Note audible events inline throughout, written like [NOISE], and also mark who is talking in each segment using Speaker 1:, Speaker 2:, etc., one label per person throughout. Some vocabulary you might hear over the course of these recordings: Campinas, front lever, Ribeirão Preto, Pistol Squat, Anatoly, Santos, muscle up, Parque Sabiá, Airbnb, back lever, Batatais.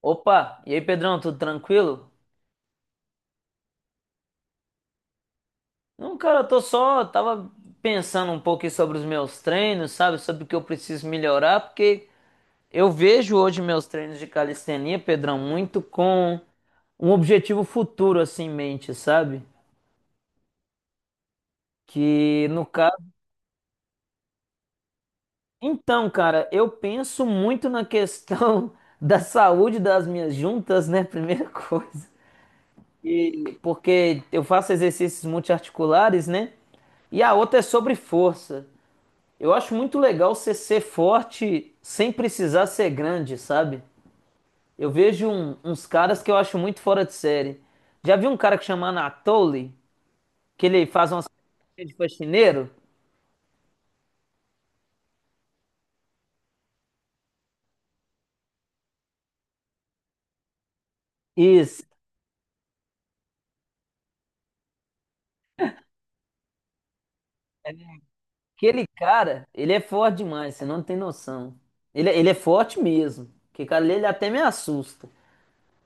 Speaker 1: Opa, e aí Pedrão, tudo tranquilo? Não, cara, tava pensando um pouco aí sobre os meus treinos, sabe? Sobre o que eu preciso melhorar, porque eu vejo hoje meus treinos de calistenia, Pedrão, muito com um objetivo futuro assim em mente, sabe? Que no caso. Então, cara, eu penso muito na questão [LAUGHS] da saúde das minhas juntas, né? Primeira [LAUGHS] coisa. E porque eu faço exercícios multiarticulares, né? E a outra é sobre força. Eu acho muito legal você ser forte sem precisar ser grande, sabe? Eu vejo uns caras que eu acho muito fora de série. Já vi um cara que chama Anatoly, que ele faz umas coisas de faxineiro? Isso. Aquele cara, ele é forte demais, você não tem noção. Ele é forte mesmo. Que cara, ele até me assusta.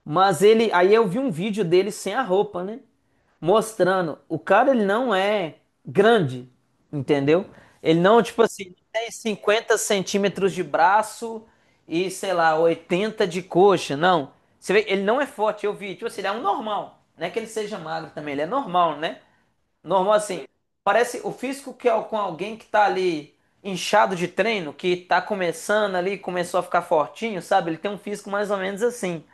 Speaker 1: Mas ele, aí eu vi um vídeo dele sem a roupa, né? Mostrando, o cara, ele não é grande, entendeu? Ele não, tipo assim, tem 50 centímetros de braço e, sei lá, 80 de coxa, não. Você vê, ele não é forte, eu vi, tipo assim, ele é um normal. Não é que ele seja magro também, ele é normal, né? Normal assim, parece o físico que é com alguém que tá ali inchado de treino, que tá começando ali, começou a ficar fortinho, sabe? Ele tem um físico mais ou menos assim.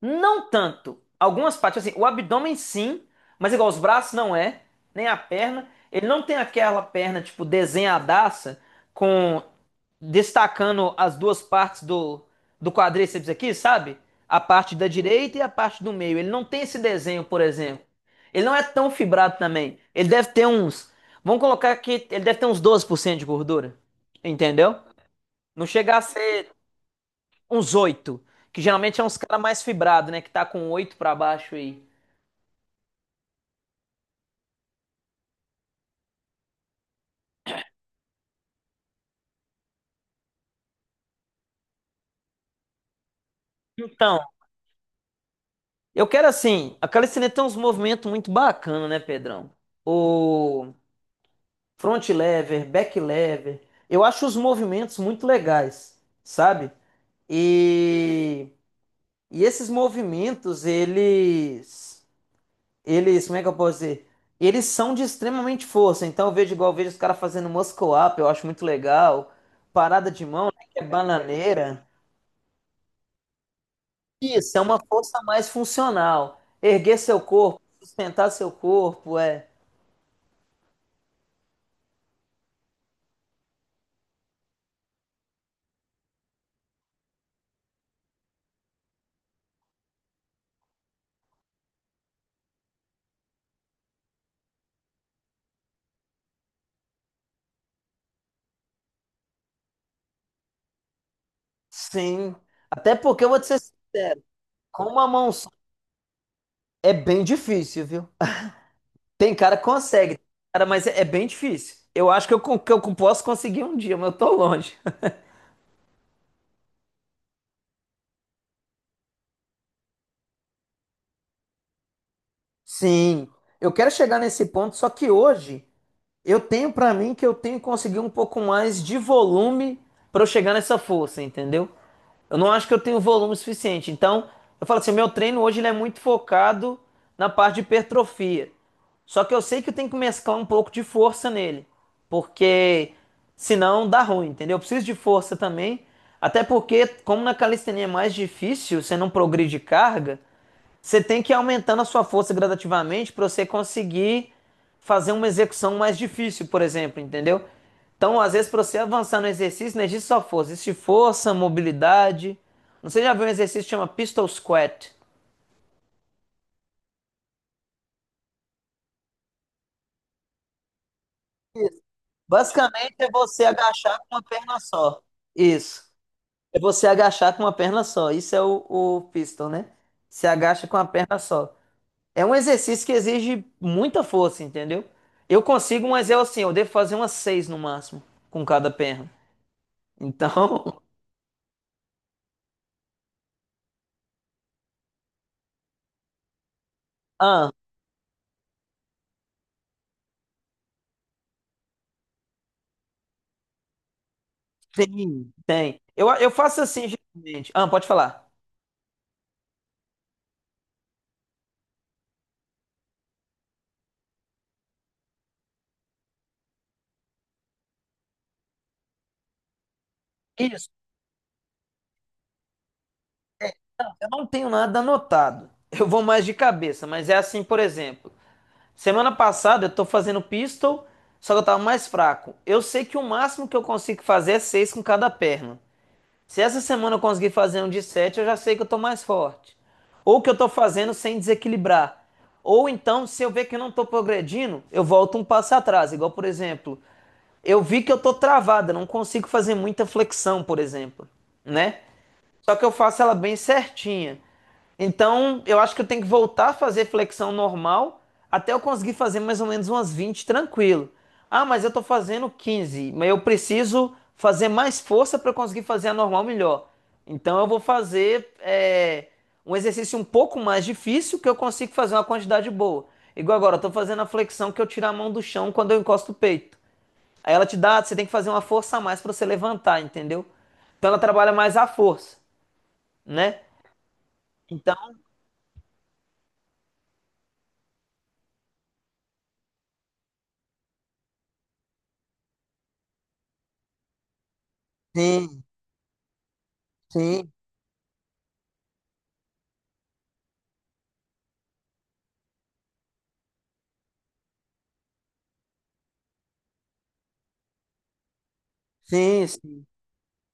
Speaker 1: Não tanto. Algumas partes, assim, o abdômen sim, mas igual os braços não é, nem a perna. Ele não tem aquela perna, tipo, desenhadaça, com destacando as duas partes do, do quadríceps aqui, sabe? A parte da direita e a parte do meio. Ele não tem esse desenho, por exemplo. Ele não é tão fibrado também. Ele deve ter uns. Vamos colocar aqui, ele deve ter uns 12% de gordura. Entendeu? Não chega a ser uns oito. Que geralmente é uns caras mais fibrado, né? Que tá com oito pra baixo aí. Então, eu quero assim. A calistenia tem uns movimentos muito bacana, né, Pedrão? O front lever, back lever. Eu acho os movimentos muito legais, sabe? E, e esses movimentos, eles. Como é que eu posso dizer? Eles são de extremamente força. Então, eu vejo igual eu vejo os caras fazendo muscle up, eu acho muito legal. Parada de mão, né, que é bananeira. Isso, é uma força mais funcional. Erguer seu corpo, sustentar seu corpo, é. Sim. Até porque eu vou te ser sincero, com uma mão só é bem difícil, viu? Tem cara que consegue, cara, mas é bem difícil. Eu acho que eu posso conseguir um dia, mas eu tô longe. [LAUGHS] Sim, eu quero chegar nesse ponto, só que hoje eu tenho pra mim que eu tenho que conseguir um pouco mais de volume pra eu chegar nessa força, entendeu? Eu não acho que eu tenho volume suficiente. Então, eu falo assim, meu treino hoje ele é muito focado na parte de hipertrofia. Só que eu sei que eu tenho que mesclar um pouco de força nele, porque senão dá ruim, entendeu? Eu preciso de força também, até porque como na calistenia é mais difícil, você não progride carga, você tem que ir aumentando a sua força gradativamente para você conseguir fazer uma execução mais difícil, por exemplo, entendeu? Então, às vezes, para você avançar no exercício, não existe só força, existe força, mobilidade. Não sei se já viu um exercício que chama Pistol Squat. Isso. Basicamente é você agachar com uma perna só. Isso. É você agachar com uma perna só. Isso é o pistol, né? Você agacha com a perna só. É um exercício que exige muita força, entendeu? Eu consigo, mas eu assim, eu devo fazer umas seis no máximo com cada perna. Então, [LAUGHS] ah, tem, tem. Eu faço assim geralmente. Ah, pode falar. Isso, eu não tenho nada anotado. [LAUGHS] Eu vou mais de cabeça, mas é assim, por exemplo. Semana passada eu tô fazendo pistol, só que eu tava mais fraco. Eu sei que o máximo que eu consigo fazer é seis com cada perna. Se essa semana eu conseguir fazer um de 7, eu já sei que eu tô mais forte. Ou que eu tô fazendo sem desequilibrar. Ou então, se eu ver que eu não tô progredindo, eu volto um passo atrás. Igual, por exemplo, eu vi que eu tô travada, não consigo fazer muita flexão, por exemplo, né? Só que eu faço ela bem certinha. Então, eu acho que eu tenho que voltar a fazer flexão normal até eu conseguir fazer mais ou menos umas 20 tranquilo. Ah, mas eu tô fazendo 15, mas eu preciso fazer mais força para conseguir fazer a normal melhor. Então, eu vou fazer um exercício um pouco mais difícil que eu consigo fazer uma quantidade boa. Igual agora, eu tô fazendo a flexão que eu tiro a mão do chão quando eu encosto o peito. Aí ela te dá, você tem que fazer uma força a mais para você levantar, entendeu? Então ela trabalha mais a força, né? Então, sim, sim. Sim, sim.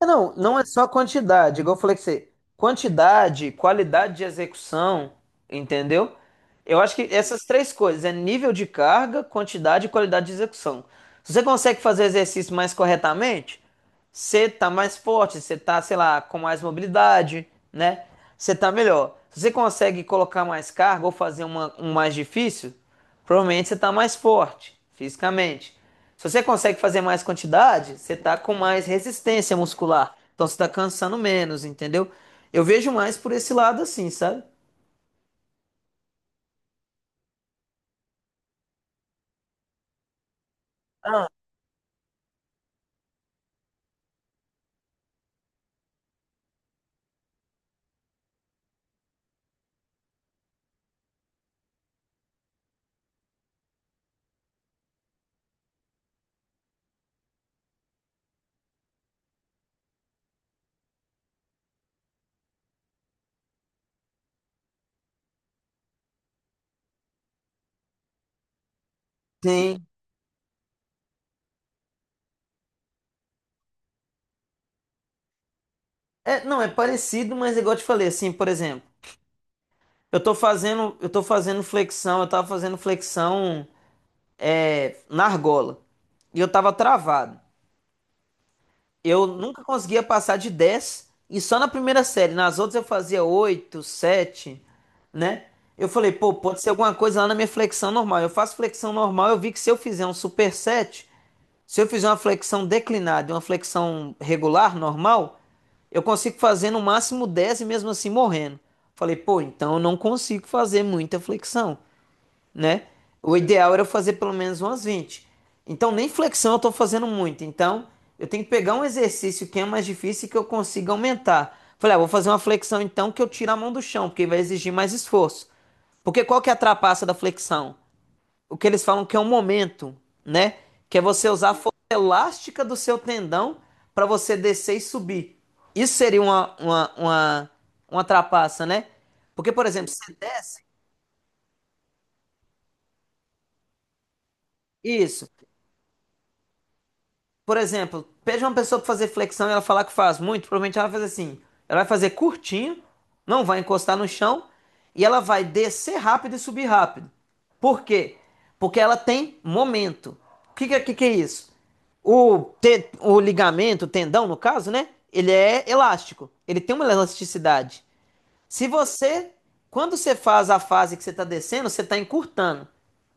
Speaker 1: É, não, não é só quantidade, igual eu falei que você, quantidade, qualidade de execução, entendeu? Eu acho que essas três coisas, é nível de carga, quantidade e qualidade de execução. Se você consegue fazer exercício mais corretamente, você tá mais forte, você tá, sei lá, com mais mobilidade, né? Você tá melhor. Se você consegue colocar mais carga ou fazer uma, um mais difícil, provavelmente você tá mais forte fisicamente. Se você consegue fazer mais quantidade, você tá com mais resistência muscular. Então você tá cansando menos, entendeu? Eu vejo mais por esse lado assim, sabe? Sim. É, não, é parecido, mas é igual eu te falei, assim, por exemplo, eu tava fazendo flexão na argola. E eu tava travado. Eu nunca conseguia passar de 10 e só na primeira série. Nas outras eu fazia 8 7, né? Eu falei, pô, pode ser alguma coisa lá na minha flexão normal. Eu faço flexão normal, eu vi que se eu fizer um superset, se eu fizer uma flexão declinada e uma flexão regular, normal, eu consigo fazer no máximo 10 e mesmo assim morrendo. Falei, pô, então eu não consigo fazer muita flexão, né? O ideal era eu fazer pelo menos umas 20. Então, nem flexão eu estou fazendo muito. Então, eu tenho que pegar um exercício que é mais difícil e que eu consiga aumentar. Falei, ah, vou fazer uma flexão então que eu tiro a mão do chão, porque vai exigir mais esforço. Porque qual que é a trapaça da flexão? O que eles falam que é um momento, né? Que é você usar a força elástica do seu tendão para você descer e subir. Isso seria uma trapaça, né? Porque, por exemplo, você desce, isso. Por exemplo, pede uma pessoa para fazer flexão e ela falar que faz muito, provavelmente ela vai fazer assim. Ela vai fazer curtinho, não vai encostar no chão e ela vai descer rápido e subir rápido. Por quê? Porque ela tem momento. O que é isso? O ligamento, o tendão, no caso, né? Ele é elástico. Ele tem uma elasticidade. Se você, quando você faz a fase que você está descendo, você está encurtando.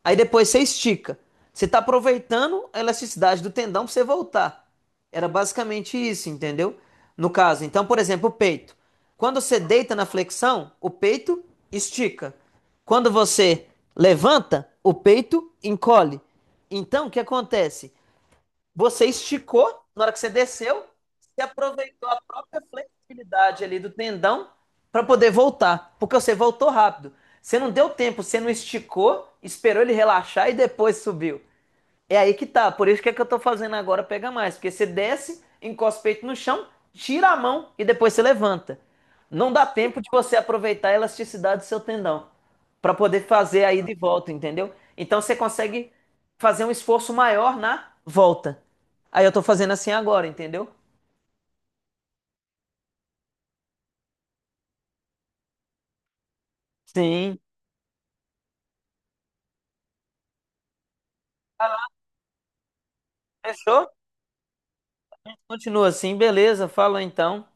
Speaker 1: Aí depois você estica. Você está aproveitando a elasticidade do tendão para você voltar. Era basicamente isso, entendeu? No caso, então, por exemplo, o peito. Quando você deita na flexão, o peito estica. Quando você levanta, o peito encolhe. Então, o que acontece? Você esticou, na hora que você desceu, você aproveitou a própria flexibilidade ali do tendão para poder voltar, porque você voltou rápido. Você não deu tempo, você não esticou, esperou ele relaxar e depois subiu. É aí que tá. Por isso que eu tô fazendo agora pega mais. Porque você desce, encosta o peito no chão, tira a mão e depois você levanta. Não dá tempo de você aproveitar a elasticidade do seu tendão para poder fazer aí de volta, entendeu? Então você consegue fazer um esforço maior na volta. Aí eu tô fazendo assim agora, entendeu? Sim. Ah, não, fechou? Continua assim, beleza. Fala então.